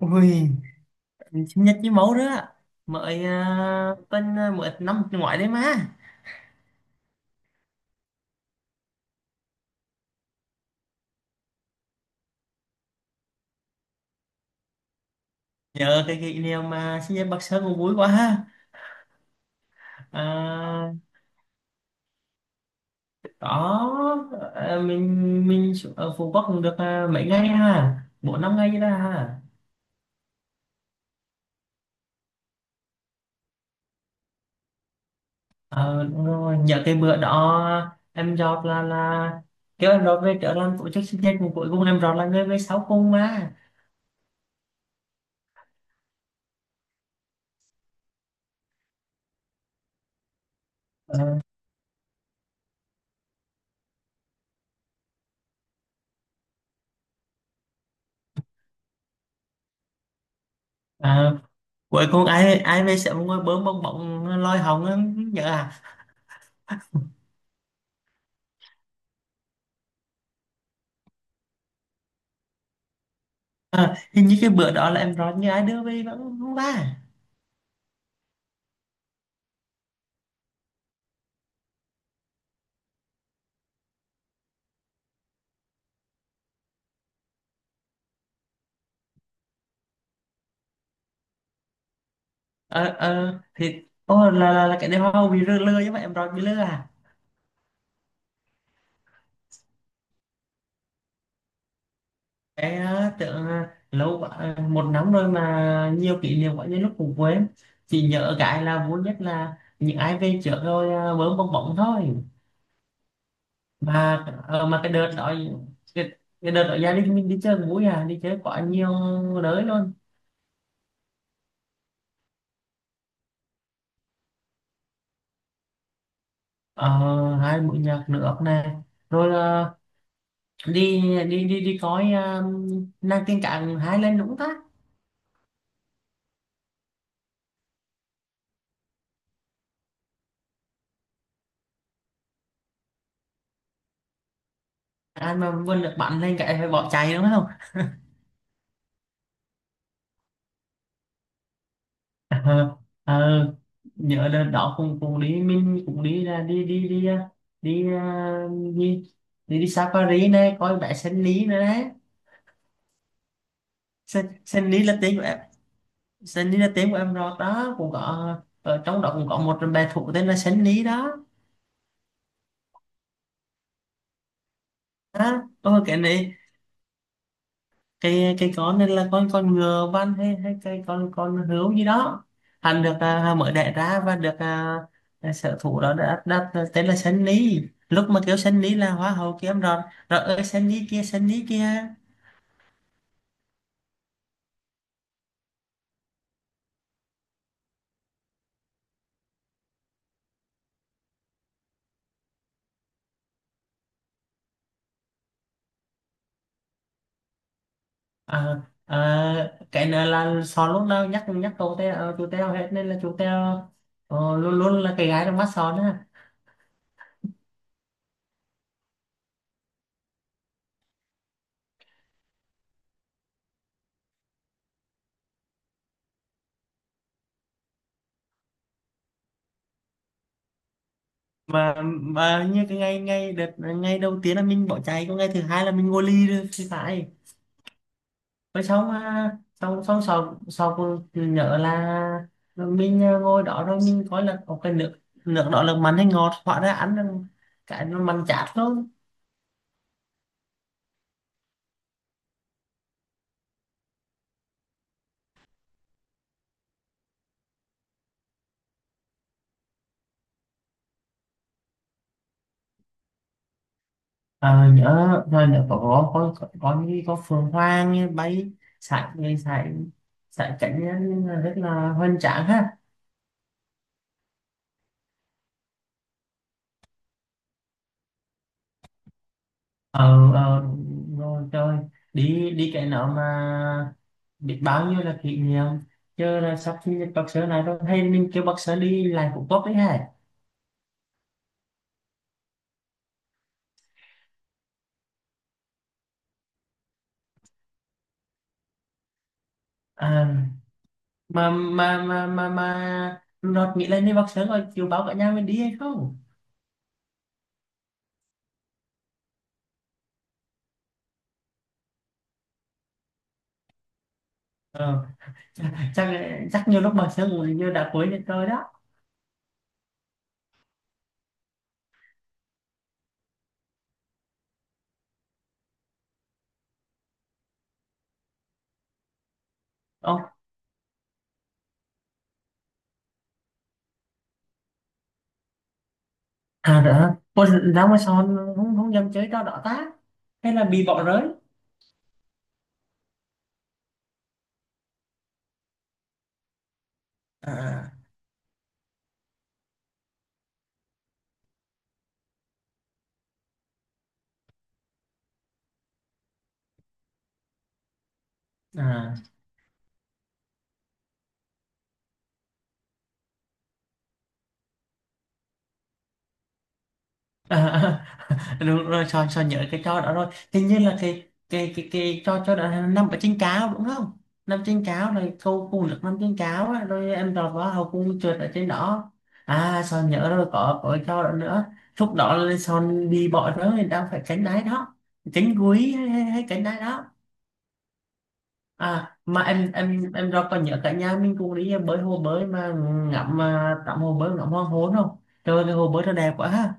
Ui, sinh nhật với mẫu đó mời bên mới năm ngoại đấy mà. Nhờ cái kỷ niệm mà sinh nhật Bắc Sơn cũng vui quá ha. à, Đó. Mình xuống- ở Phú Quốc cũng được mấy ngày ha. Bốn năm ngày đó ha. Ờ, đúng rồi. Nhờ cái bữa đó em Rọt là kêu em Rọt về trở làm tổ chức sinh nhật mà cuối cùng em Rọt là người về sau cùng mà. à, Cuối cùng ai ai về sẽ ngồi bơm bong bóng lôi hồng á, nhớ à. À, hình như cái bữa đó là em nói như ai đưa về vẫn không ba. Ờ ờ thì Ô là cái đêm hoa bị lừa lừa chứ mà em nói bị lừa à. Cái tưởng lâu quá, một năm rồi mà nhiều kỷ niệm quá như lúc cũng quên. Chỉ nhớ cái là vui nhất là những ai về trước rồi bấm bong bóng thôi. Mà mà cái đợt đó cái, cái đợt đó gia đình mình đi chơi cũng vui, à đi chơi quá nhiều đới luôn. Ờ, hai mũi nhạc nước này rồi, đi đi coi nàng tiên cạn hái lên đúng ta. Anh mà vươn được bắn lên cái phải bỏ chạy đúng không. Ờ, ờ, nhớ đợt đó cũng cũng đi mình cũng đi là đi đi đi đi đi đi, đi safari này coi bé sen lý nữa đấy. Sen lý là tiếng của em, sen lý là tiếng của em rồi đó, cũng có ở trong đó cũng có một bé thú tên là sen lý đó. Đó, ôi cái này cây cây con này là con ngựa văn hay hay cây con hươu gì đó, hắn được mới đẻ ra và được sở thủ đó đã đặt tên là Sơn lý. Lúc mà kêu Sơn lý là hoa hậu kia em rồi rồi ơi, Sơn lý kia Sơn lý kia. À, à, cái này là sò lúc nào nhắc nhắc cậu Teo chú Teo hết nên là chú Teo ờ, luôn luôn là cái gái trong mắt sò đó. Mà như cái ngày ngày đợt ngày đầu tiên là mình bỏ chạy còn ngày thứ hai là mình ngồi ly rồi thì phải. Rồi xong, xong sau sau cô nhớ là mình ngồi đó rồi mình coi là có cái nước, nước đó là mặn hay ngọt hóa ra ăn là cái nó mặn chát luôn. À, nhớ rồi, nhớ như có phượng hoàng như bay sải người sải sải cảnh á, nhưng mà rất là hoành tráng ha. ờ ờ Ngồi chơi đi đi cái nào mà biết bao nhiêu là kỷ niệm. Chứ là sắp sinh nhật bác sớ này rồi, hay mình kêu bác sớ đi lại cũng tốt đấy hả. À, mà Nọt nghĩ lên đi bác sớm rồi chiều báo cả nhà mình đi hay không. Ờ, chắc chắc chắc nhiều lúc bác sớm rồi như đã cuối được rồi đó. Ồ, à đã con ra mà sao không không dám chơi trò đó ta, hay là bị bỏ rơi. À à, à, à, à. Đúng rồi, Sơn Sơn nhớ cái cho đó rồi, hình như là cái cho đó là nằm ở trên cáo đúng không. Nằm trên cáo rồi câu cùng được nằm trên cáo á, rồi em tròn vào hậu cung trượt ở trên đó. À, Sơn nhớ rồi, có cái cho đó nữa, lúc đó là Sơn đi bỏ đó thì đang phải cánh đáy đó, cánh cuối hay cánh đáy đó. À mà em rồi còn nhớ cả nhà mình cùng đi bơi hồ bơi mà ngắm, tắm hồ bơi ngắm hoàng hôn không. Trời ơi, cái hồ bơi nó đẹp quá ha.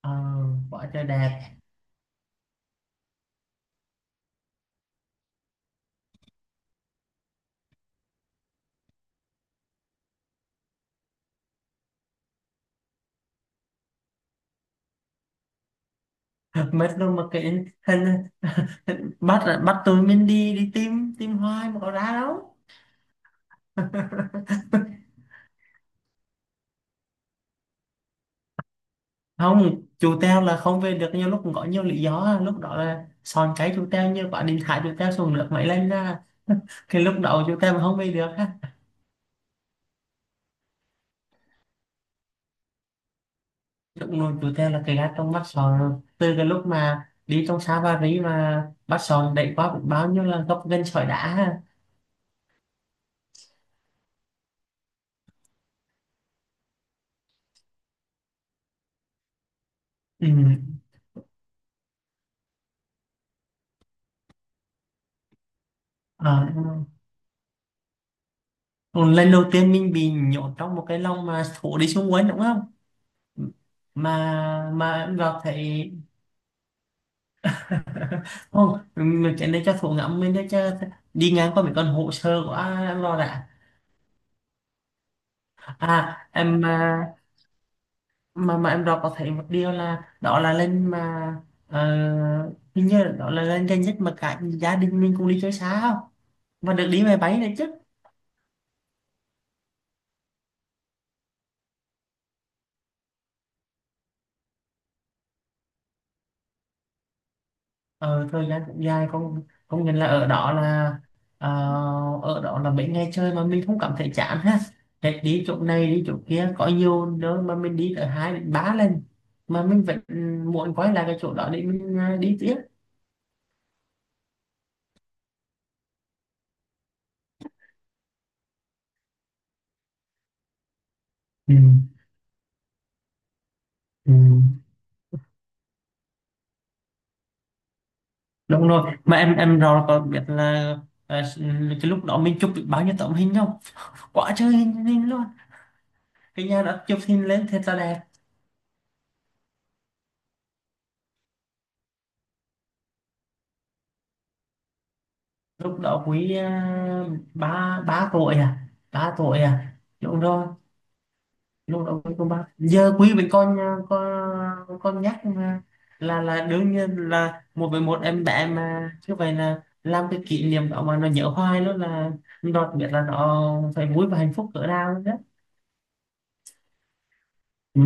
Ờ, quá trời đẹp. Mất đâu mà cái hình, bắt bắt tôi mình đi đi tìm tìm hoài mà có ra đâu. Không, chú Teo là không về được nhiều lúc cũng có nhiều lý do á. Lúc đó là son cái chú Teo như quả điện thoại chú Teo xuống nước máy lên ra, cái lúc đó chú Teo mà không về được ha. Lúc nồi chú Teo là cái gạt trong bắt sòn rồi. Từ cái lúc mà đi trong xa Ba Rí mà bắt sòn đẩy qua cũng bao nhiêu là gốc gân sỏi đá ha. Ừ. Ờ, còn lần đầu tiên mình bị nhốt trong một cái lồng mà thổ đi xuống quấn đúng không, mà em gặp thấy không mình cái này cho thủ ngẫm mình để cho đi ngang qua mấy con hồ sơ của em lo đã. À em, mà em đọc có thấy một điều là đó là lên mà ờ, hình như là đó là lên gần nhất mà cả gia đình mình cũng đi chơi xa không và được đi máy bay đấy chứ. Ờ, thời gian cũng dài không, không nhận là ở đó là ờ, ở đó là mấy ngày chơi mà mình không cảm thấy chán ha. Hết đi chỗ này đi chỗ kia có nhiều nơi mà mình đi tới hai đến ba lần mà mình vẫn muốn quay lại cái chỗ đó để mình đi tiếp. Ừ. Ừ. Đúng rồi, mà em rồi có biết là ờ, cái lúc đó mình chụp được bao nhiêu tấm hình không, quá trời hình luôn, cái nhà đó chụp hình lên thật là đẹp. Lúc đó quý ba ba tuổi à ba tuổi à, đúng rồi. Luôn đồng ý cùng ba giờ quý với con, con nhắc mà. Là đương nhiên là một với một em bé mà như vậy là làm cái kỷ niệm đó mà nó nhớ hoài luôn, là nó biết là nó phải vui và hạnh phúc cỡ nào đó. Ừ.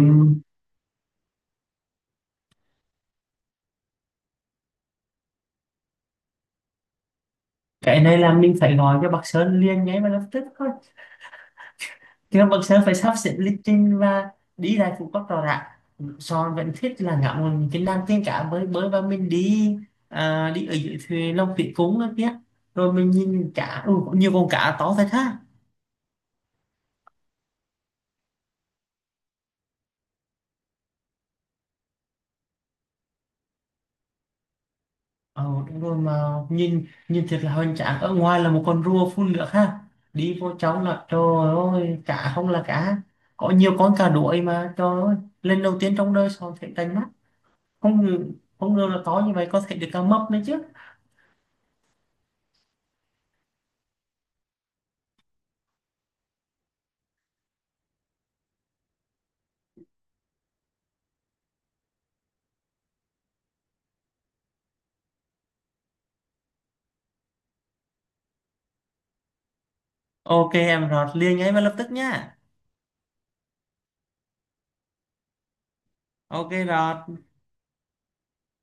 Cái này là mình phải gọi cho bác Sơn liền ngay mà lập tức thôi. Thì các Bậc Sơn phải sắp xếp lịch trình và đi lại Phú Quốc rõ ràng. Son vẫn thích là ngắm mình cái Nam Tiên Cá mới mới và mình đi đi ở dưới thuyền Long Thủy Cúng đó kia. Rồi mình nhìn cá, ừ, có nhiều con cá to thật ha. Ờ, đúng rồi, mà nhìn nhìn thiệt là hoành tráng. Ở ngoài là một con rùa phun nước ha. Đi vô trong là trời ơi, cá không là cá. Có nhiều con cá đuổi mà trời ơi. Lần đầu tiên trong đời Son thấy đánh mắt. Không ngờ, Không ngờ là to như vậy, có thể được cá mập nữa chứ. Ok em Rọt liền ngay và lập tức nhá. Ok Rọt.